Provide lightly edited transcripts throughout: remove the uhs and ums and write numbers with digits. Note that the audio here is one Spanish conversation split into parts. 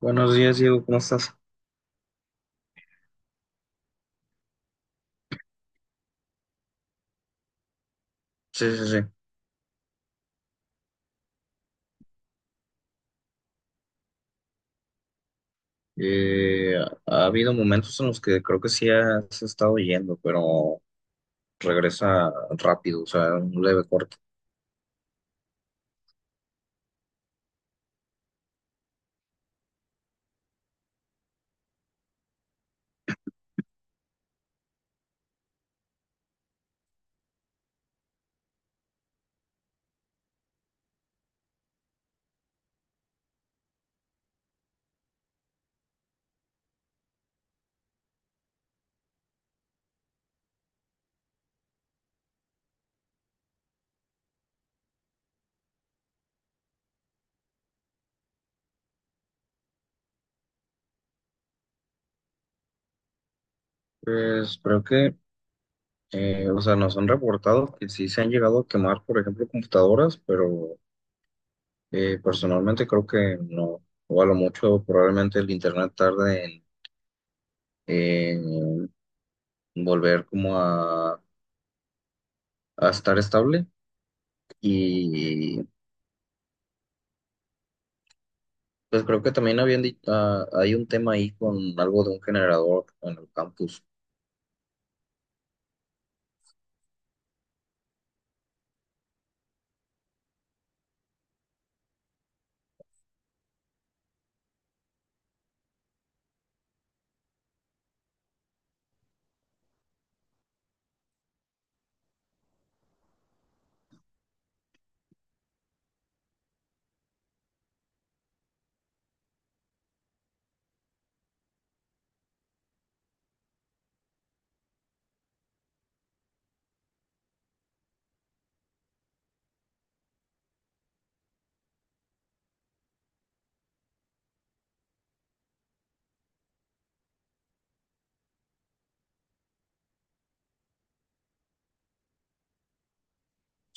Buenos días, Diego, ¿cómo estás? Sí, sí, sí. Eh, Ha habido momentos en los que creo que sí has estado yendo, pero regresa rápido, o sea, un leve corte. Pues creo que, o sea, nos han reportado que sí se han llegado a quemar, por ejemplo, computadoras, pero personalmente creo que no, o a lo mucho probablemente el internet tarde en volver como a estar estable y pues creo que también habían dicho, hay un tema ahí con algo de un generador en el campus.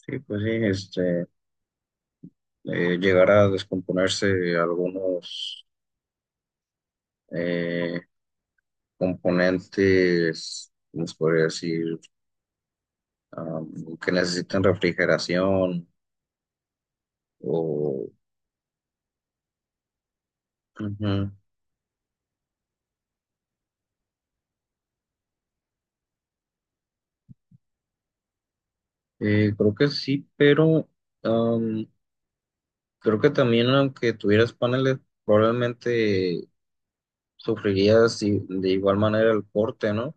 Sí, pues sí, llegar a descomponerse algunos eh, componentes, ¿cómo se podría decir? Que necesitan refrigeración o... Ujú. Creo que sí, pero am, creo que también aunque tuvieras paneles, probablemente de igual manera el corte, ¿no?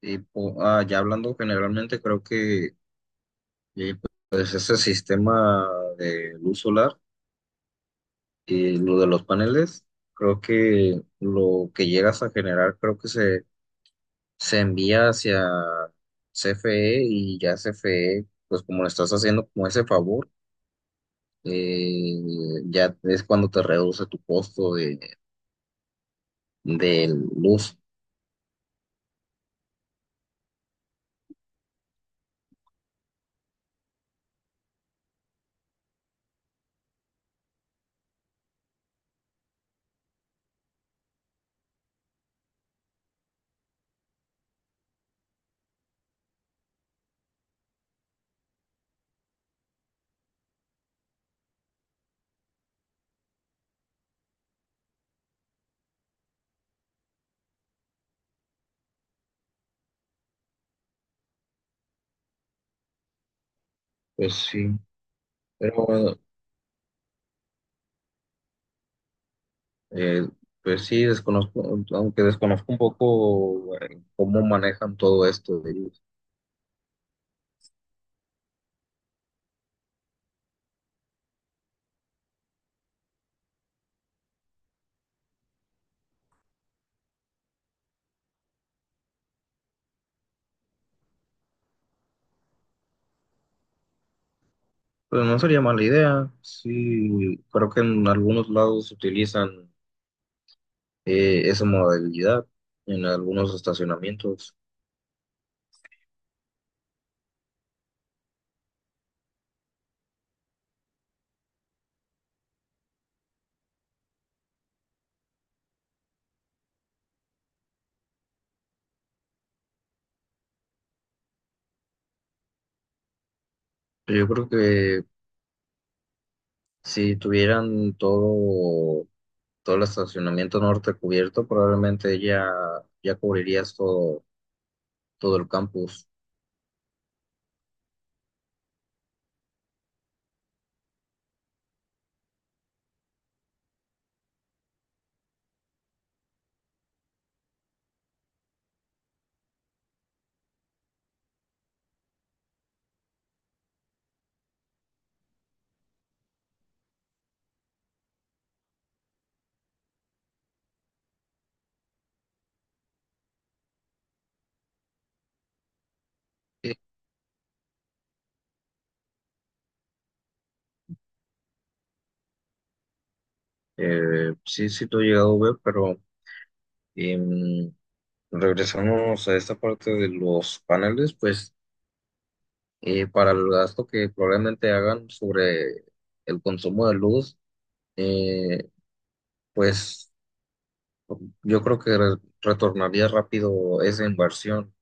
Ya hablando generalmente, creo que eh, pues ese sistema de luz solar y lo de los paneles, creo que lo que llegas a generar, creo que se envía hacia CFE, y ya CFE, pues como le estás haciendo como ese favor, eh, ya es cuando te reduce tu costo de luz. Pues sí, pero Eh, pues sí, desconozco, aunque desconozco un poco cómo manejan todo esto de ellos. Pues no sería mala idea. Sí, creo que en algunos lados utilizan esa modalidad, en algunos estacionamientos. Pero yo creo que si tuvieran todo, todo el estacionamiento norte cubierto, probablemente ya, ya cubrirías todo, todo el campus. Sí, sí, sí, lo he llegado a ver, pero... em, regresamos a esta parte de los paneles, pues para el gasto que probablemente hagan sobre el consumo de luz, eh, pues yo creo que retornaría rápido esa inversión,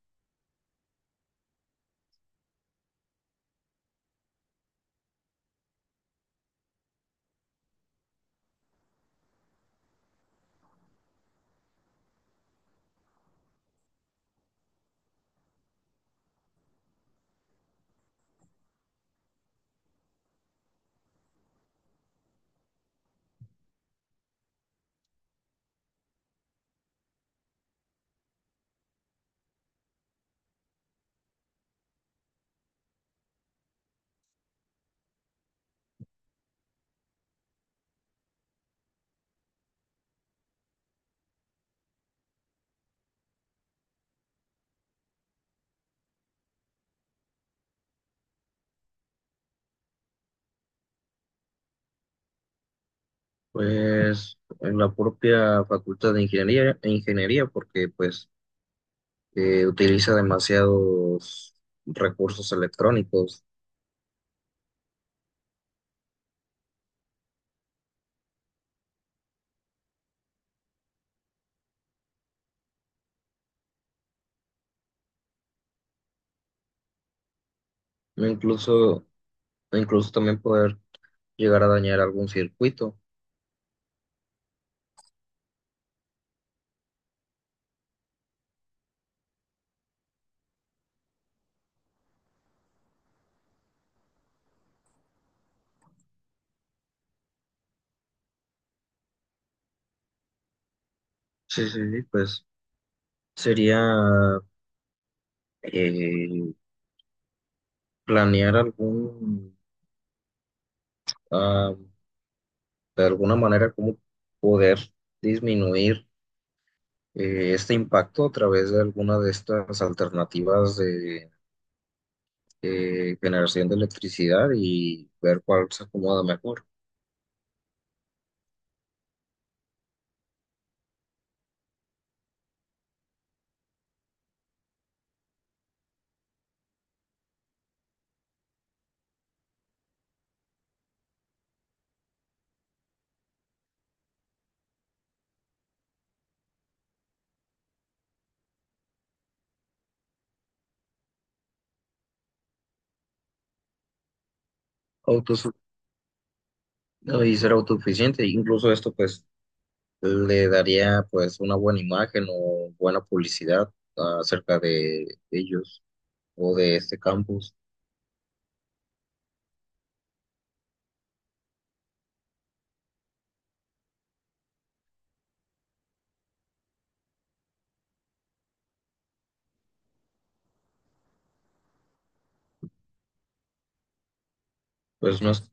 pues en la propia Facultad de Ingeniería, e Ingeniería porque pues utiliza demasiados recursos electrónicos, e incluso, e incluso también poder llegar a dañar algún circuito. Sí, sí, sí, pues sería eh, planear ah, de alguna manera cómo poder disminuir este impacto a través de alguna de estas alternativas de generación de electricidad y ver cuál se acomoda mejor. Autosu- no, y ser autosuficiente, incluso esto pues le daría pues una buena imagen o buena publicidad acerca de ellos o de este campus, pues no, es-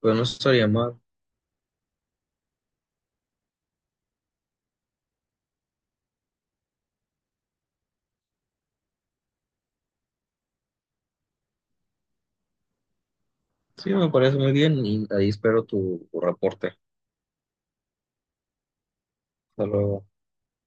pues no estaría mal. Sí, me parece muy bien y ahí espero tu, tu reporte. Hasta luego.